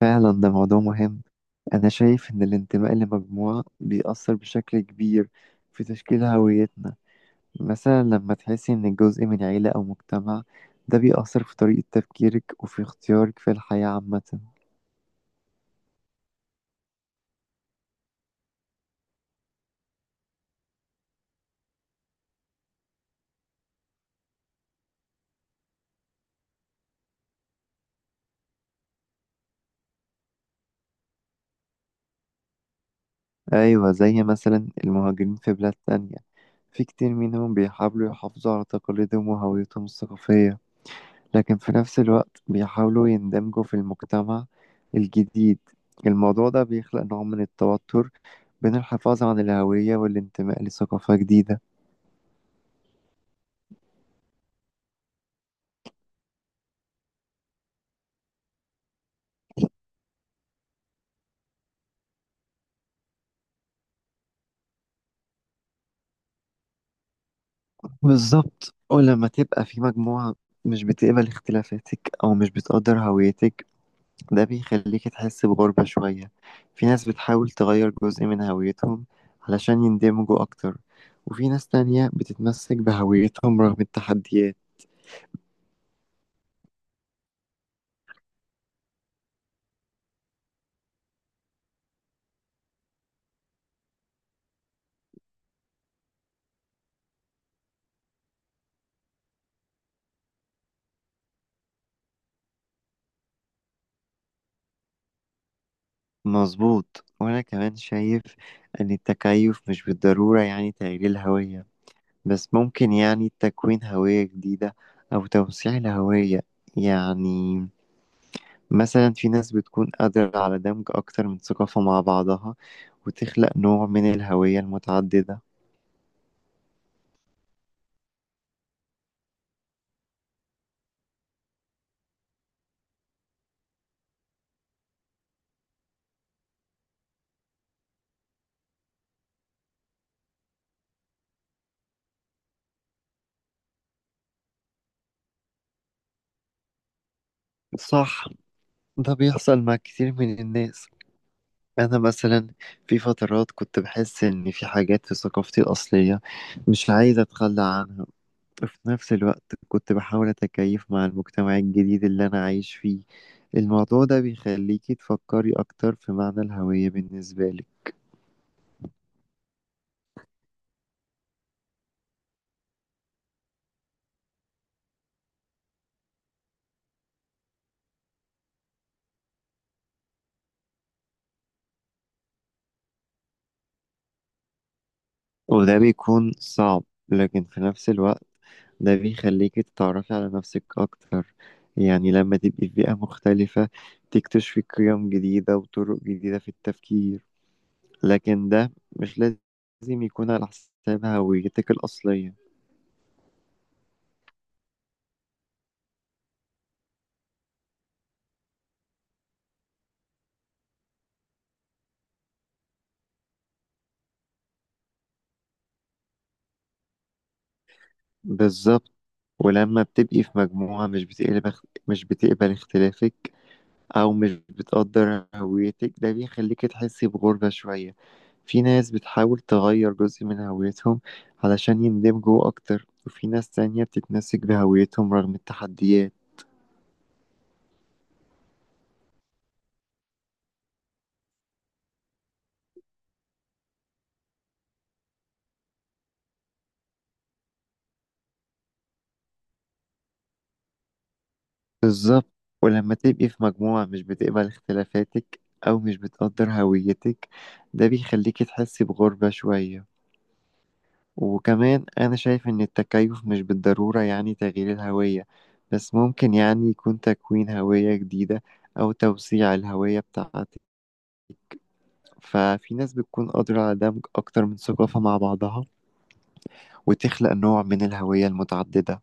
فعلا ده موضوع مهم. أنا شايف إن الانتماء لمجموعة بيأثر بشكل كبير في تشكيل هويتنا. مثلا لما تحسي إنك جزء من عيلة أو مجتمع، ده بيأثر في طريقة تفكيرك وفي اختيارك في الحياة عامة. أيوة، زي مثلا المهاجرين في بلاد تانية، في كتير منهم بيحاولوا يحافظوا على تقاليدهم وهويتهم الثقافية، لكن في نفس الوقت بيحاولوا يندمجوا في المجتمع الجديد. الموضوع ده بيخلق نوع من التوتر بين الحفاظ عن الهوية والانتماء لثقافة جديدة. بالظبط، ولما تبقى في مجموعة مش بتقبل اختلافاتك أو مش بتقدر هويتك، ده بيخليك تحس بغربة شوية. في ناس بتحاول تغير جزء من هويتهم علشان يندمجوا أكتر، وفي ناس تانية بتتمسك بهويتهم رغم التحديات. مظبوط، وأنا كمان شايف أن التكيف مش بالضرورة يعني تغيير الهوية، بس ممكن يعني تكوين هوية جديدة أو توسيع الهوية. يعني مثلا في ناس بتكون قادرة على دمج أكتر من ثقافة مع بعضها، وتخلق نوع من الهوية المتعددة. صح، ده بيحصل مع كتير من الناس. أنا مثلا في فترات كنت بحس إن في حاجات في ثقافتي الأصلية مش عايز أتخلى عنها، في نفس الوقت كنت بحاول أتكيف مع المجتمع الجديد اللي أنا عايش فيه. الموضوع ده بيخليكي تفكري أكتر في معنى الهوية بالنسبة لك. وده بيكون صعب، لكن في نفس الوقت ده بيخليكي تتعرفي على نفسك أكتر. يعني لما تبقي في بيئة مختلفة، تكتشفي قيم جديدة وطرق جديدة في التفكير، لكن ده مش لازم يكون على حساب هويتك الأصلية. بالظبط، ولما بتبقي في مجموعة مش بتقبل اختلافك أو مش بتقدر هويتك، ده بيخليك تحسي بغربة شوية. في ناس بتحاول تغير جزء من هويتهم علشان يندمجوا أكتر، وفي ناس تانية بتتمسك بهويتهم رغم التحديات. بالظبط، ولما تبقي في مجموعة مش بتقبل اختلافاتك أو مش بتقدر هويتك، ده بيخليك تحسي بغربة شوية. وكمان أنا شايف إن التكيف مش بالضرورة يعني تغيير الهوية، بس ممكن يعني يكون تكوين هوية جديدة أو توسيع الهوية بتاعتك. ففي ناس بتكون قادرة على دمج أكتر من ثقافة مع بعضها، وتخلق نوع من الهوية المتعددة.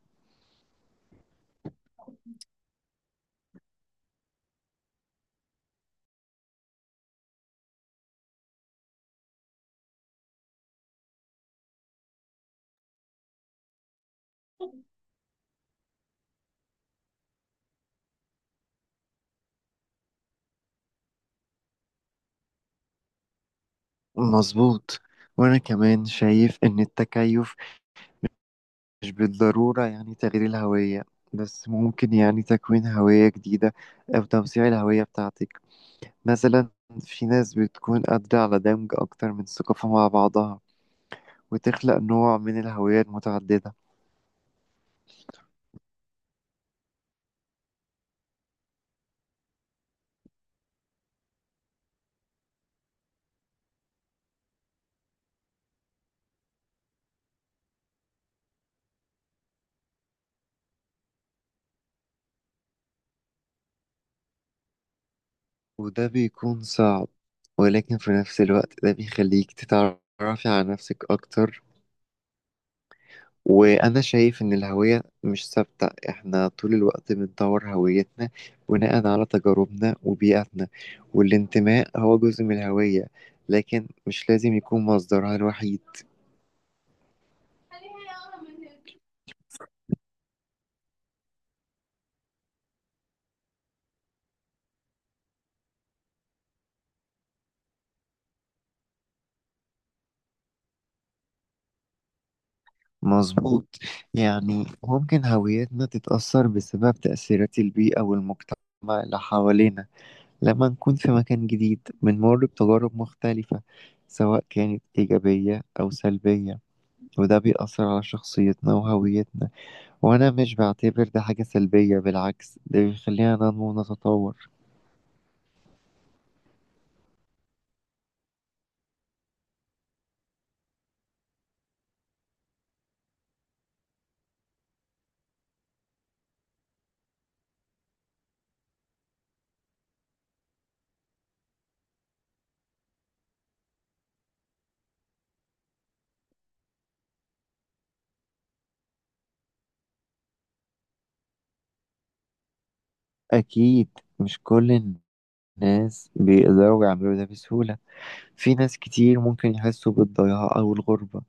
مظبوط، وأنا كمان شايف إن التكيف مش بالضرورة يعني تغيير الهوية، بس ممكن يعني تكوين هوية جديدة أو توسيع الهوية بتاعتك. مثلا في ناس بتكون قادرة على دمج أكتر من ثقافة مع بعضها، وتخلق نوع من الهوية المتعددة. وده بيكون صعب، ولكن في نفس الوقت ده بيخليك تتعرفي على نفسك أكتر. وأنا شايف إن الهوية مش ثابتة، إحنا طول الوقت بنطور هويتنا بناء على تجاربنا وبيئتنا. والانتماء هو جزء من الهوية، لكن مش لازم يكون مصدرها الوحيد. مظبوط، يعني ممكن هويتنا تتأثر بسبب تأثيرات البيئة والمجتمع اللي حوالينا. لما نكون في مكان جديد بنمر بتجارب مختلفة، سواء كانت إيجابية أو سلبية، وده بيأثر على شخصيتنا وهويتنا. وأنا مش بعتبر ده حاجة سلبية، بالعكس ده بيخلينا ننمو ونتطور. أكيد مش كل الناس بيقدروا يعملوا ده بسهولة. في ناس كتير ممكن يحسوا بالضياع أو الغربة،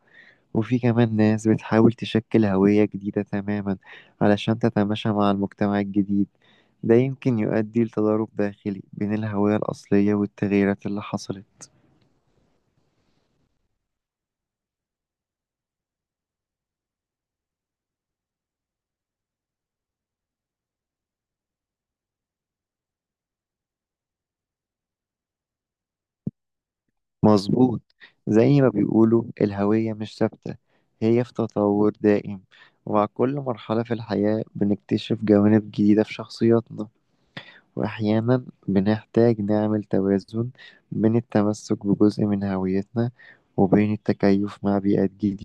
وفي كمان ناس بتحاول تشكل هوية جديدة تماما علشان تتماشى مع المجتمع الجديد. ده يمكن يؤدي لتضارب داخلي بين الهوية الأصلية والتغييرات اللي حصلت. مظبوط، زي ما بيقولوا الهوية مش ثابتة، هي في تطور دائم. ومع كل مرحلة في الحياة بنكتشف جوانب جديدة في شخصياتنا، وأحيانا بنحتاج نعمل توازن بين التمسك بجزء من هويتنا وبين التكيف مع بيئات جديدة.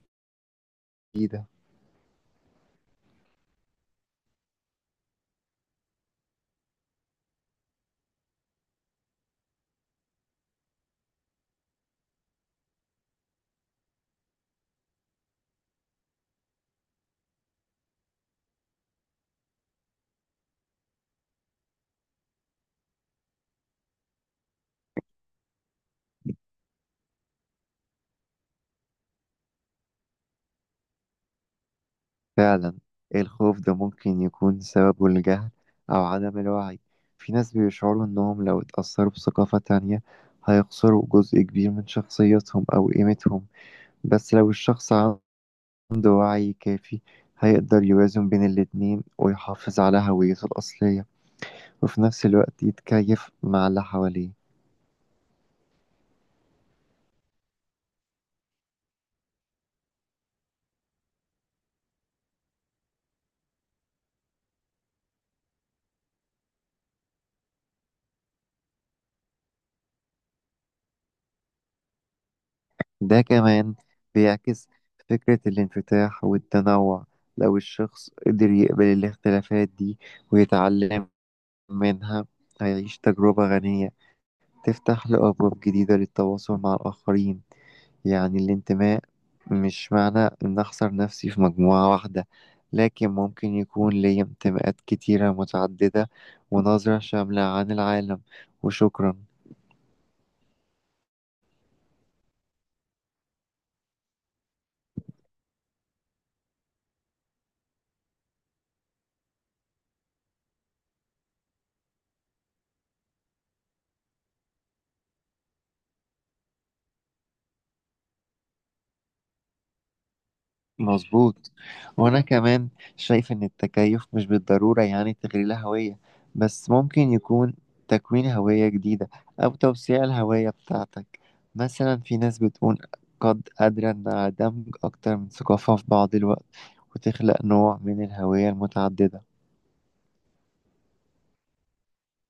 فعلا، الخوف ده ممكن يكون سببه الجهل أو عدم الوعي. في ناس بيشعروا إنهم لو اتأثروا بثقافة تانية هيخسروا جزء كبير من شخصيتهم أو قيمتهم، بس لو الشخص عنده وعي كافي هيقدر يوازن بين الاتنين ويحافظ على هويته الأصلية، وفي نفس الوقت يتكيف مع اللي حواليه. ده كمان بيعكس فكرة الانفتاح والتنوع. لو الشخص قدر يقبل الاختلافات دي ويتعلم منها، هيعيش تجربة غنية تفتح له أبواب جديدة للتواصل مع الآخرين. يعني الانتماء مش معنى إن أحصر نفسي في مجموعة واحدة، لكن ممكن يكون لي انتماءات كتيرة متعددة، ونظرة شاملة عن العالم. وشكرا. مظبوط، وانا كمان شايف ان التكيف مش بالضرورة يعني تغيير الهوية، بس ممكن يكون تكوين هوية جديدة او توسيع الهوية بتاعتك. مثلا في ناس بتكون قادرة انها دمج اكتر من ثقافة في بعض الوقت، وتخلق نوع من الهوية المتعددة.